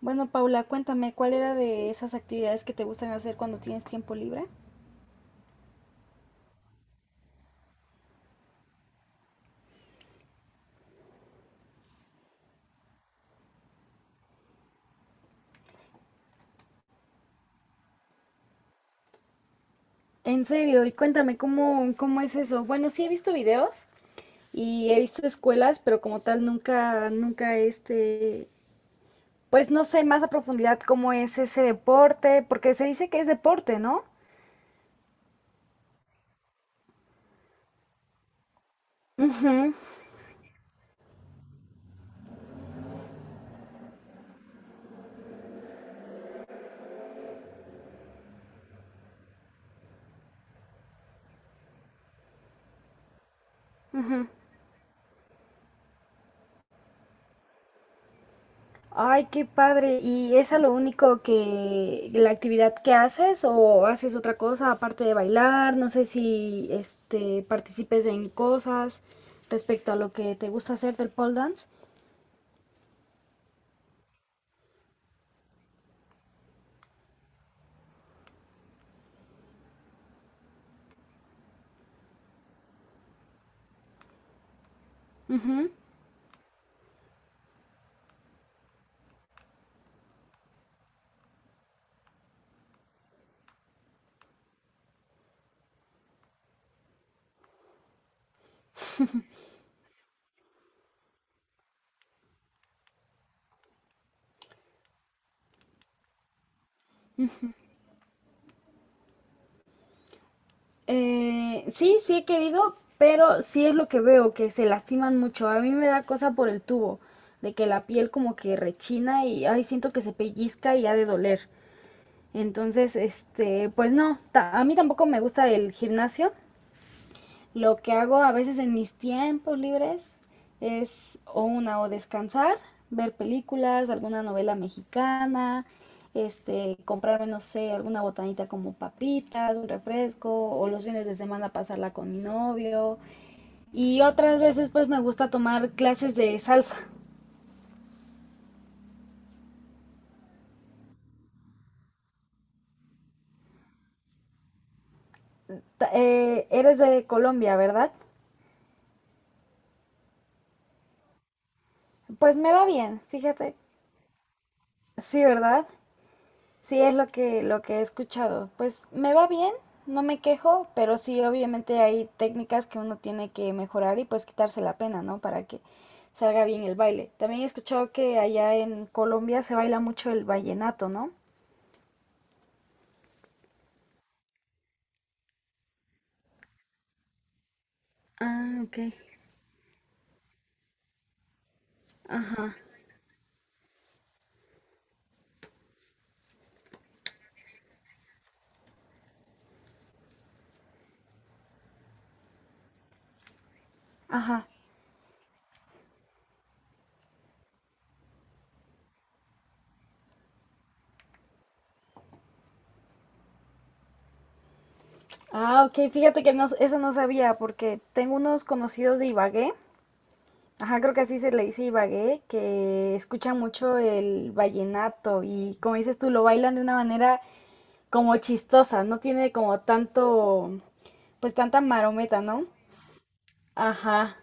Bueno, Paula, cuéntame, ¿cuál era de esas actividades que te gustan hacer cuando tienes tiempo libre? En serio, y cuéntame, ¿cómo es eso? Bueno, sí he visto videos y he visto escuelas, pero como tal nunca pues no sé más a profundidad cómo es ese deporte, porque se dice que es deporte, ¿no? Ujú, ujú. Ay, qué padre. ¿Y es a lo único que la actividad que haces o haces otra cosa aparte de bailar? No sé si participes en cosas respecto a lo que te gusta hacer del pole dance. Ujú. Sí, sí he querido, pero sí es lo que veo, que se lastiman mucho. A mí me da cosa por el tubo, de que la piel como que rechina y ay, siento que se pellizca y ha de doler. Entonces, pues no, a mí tampoco me gusta el gimnasio. Lo que hago a veces en mis tiempos libres es o una o descansar, ver películas, alguna novela mexicana, comprarme, no sé, alguna botanita como papitas, un refresco, o los fines de semana pasarla con mi novio. Y otras veces pues me gusta tomar clases de salsa. ¿Eres de Colombia, verdad? Pues me va bien, fíjate. Sí, ¿verdad? Sí, es lo que he escuchado. Pues me va bien, no me quejo, pero sí, obviamente hay técnicas que uno tiene que mejorar y pues quitarse la pena, ¿no? Para que salga bien el baile. También he escuchado que allá en Colombia se baila mucho el vallenato, ¿no? Ah, ok. Ajá. Ajá. Ah, ok, fíjate que no, eso no sabía porque tengo unos conocidos de Ibagué, ajá, creo que así se le dice Ibagué, que escuchan mucho el vallenato y como dices tú, lo bailan de una manera como chistosa, no tiene como tanto, pues tanta marometa, ¿no? Ajá,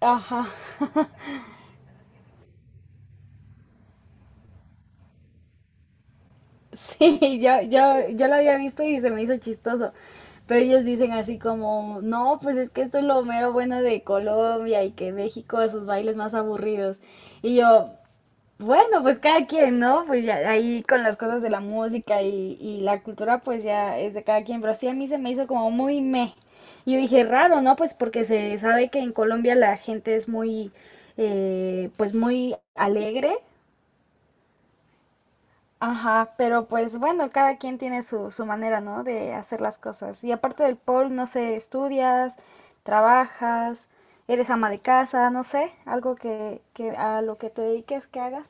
ajá. Sí, yo lo había visto y se me hizo chistoso. Pero ellos dicen así como, no, pues es que esto es lo mero bueno de Colombia y que México sus bailes más aburridos. Y yo, bueno, pues cada quien, ¿no? Pues ya ahí con las cosas de la música y la cultura, pues ya es de cada quien. Pero sí a mí se me hizo como muy meh. Y yo dije, raro, ¿no? Pues porque se sabe que en Colombia la gente es pues muy alegre. Ajá, pero pues bueno, cada quien tiene su manera, ¿no? De hacer las cosas. Y aparte del pol, no sé, estudias, trabajas, eres ama de casa, no sé, algo que a lo que te dediques que hagas.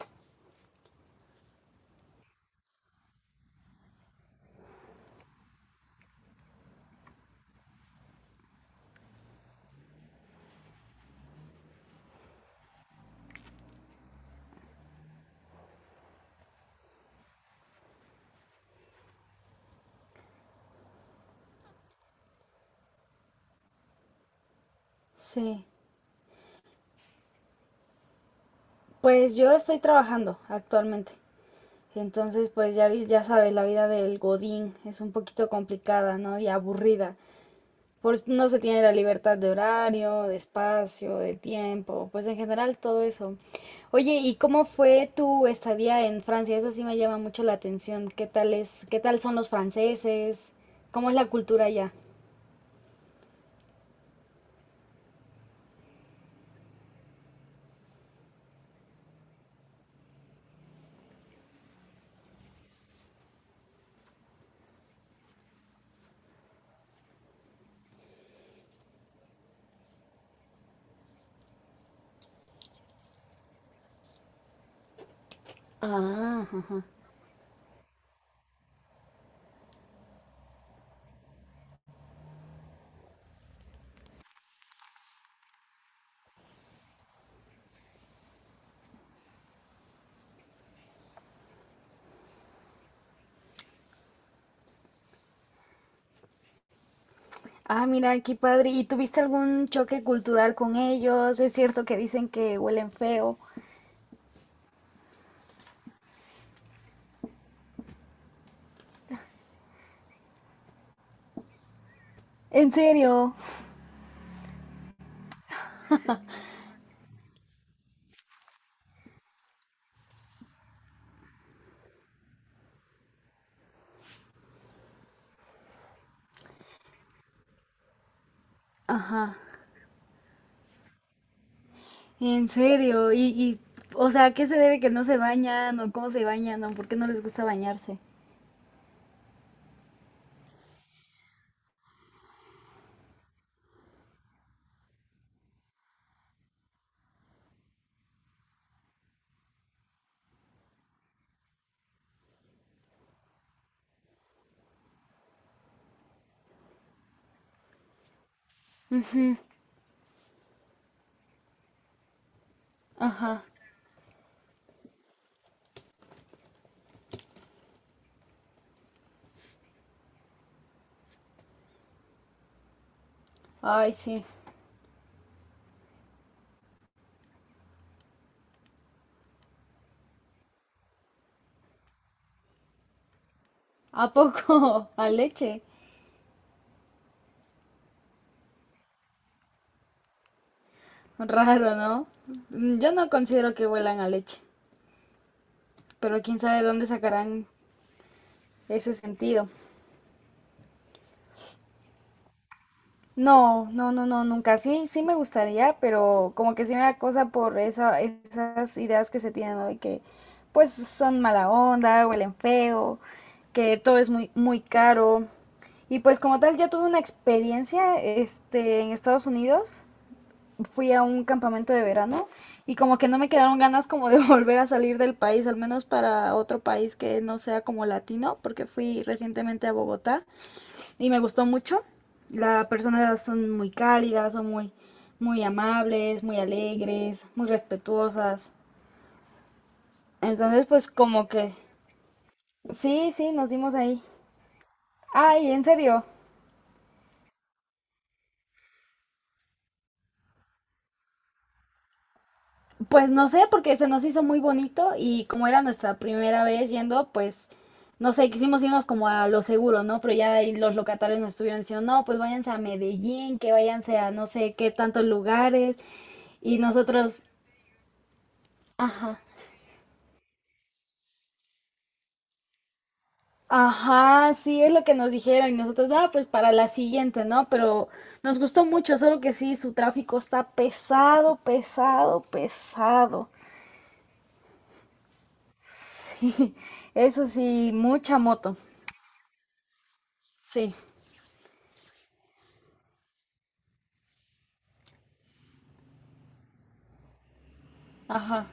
Sí. Pues yo estoy trabajando actualmente. Entonces, pues ya, ya sabes, la vida del Godín es un poquito complicada, ¿no? Y aburrida. Por, no se tiene la libertad de horario, de espacio, de tiempo, pues en general todo eso. Oye, ¿y cómo fue tu estadía en Francia? Eso sí me llama mucho la atención. ¿Qué tal es, qué tal son los franceses? ¿Cómo es la cultura allá? Ah, ajá. Ah, mira, qué padre. ¿Y tuviste algún choque cultural con ellos? Es cierto que dicen que huelen feo. En serio, ajá, en serio. O sea, ¿a qué se debe que no se bañan o cómo se bañan o por qué no les gusta bañarse? Ujú, ajá. Ay, sí. ¿A poco? A leche. Raro, ¿no? Mm, yo no considero que huelan a leche, pero quién sabe dónde sacarán ese sentido. No, no, no, no, nunca. Sí, sí me gustaría, pero como que sí me da cosa por esas ideas que se tienen, ¿no? De que pues son mala onda, huelen feo, que todo es muy caro. Y pues como tal, ya tuve una experiencia, en Estados Unidos. Fui a un campamento de verano y como que no me quedaron ganas como de volver a salir del país, al menos para otro país que no sea como latino, porque fui recientemente a Bogotá y me gustó mucho. Las personas son muy cálidas, muy amables, muy alegres, muy respetuosas. Entonces, pues como que sí, sí, nos dimos ahí. Ay, en serio. Pues no sé, porque se nos hizo muy bonito y como era nuestra primera vez yendo, pues no sé, quisimos irnos como a lo seguro, ¿no? Pero ya ahí los locatarios nos estuvieron diciendo, no, pues váyanse a Medellín, que váyanse a no sé qué tantos lugares. Y nosotros, ajá, ajá, sí, es lo que nos dijeron y nosotros, ah, pues para la siguiente, ¿no? Pero nos gustó mucho, solo que sí, su tráfico está pesado, pesado, pesado. Sí, eso sí, mucha moto. Sí, ajá,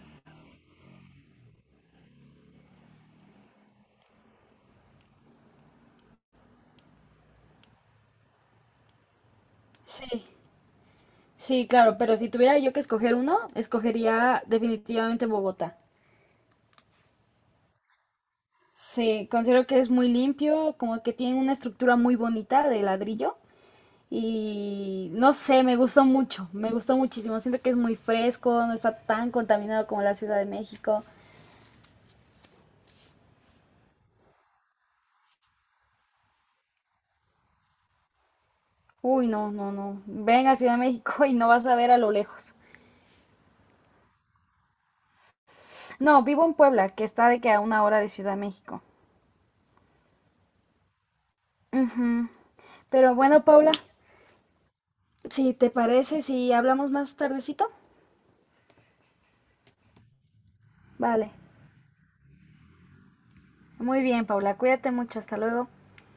sí, sí, claro, pero si tuviera yo que escoger uno, escogería definitivamente Bogotá. Sí, considero que es muy limpio, como que tiene una estructura muy bonita de ladrillo. Y no sé, me gustó mucho, me gustó muchísimo. Siento que es muy fresco, no está tan contaminado como la Ciudad de México. Uy, no, no, no. Ven a Ciudad de México y no vas a ver a lo lejos. No, vivo en Puebla, que está de que a una hora de Ciudad de México. Ujú. Pero bueno, Paula, si te parece, si hablamos más tardecito. Vale. Muy bien, Paula, cuídate mucho, hasta luego.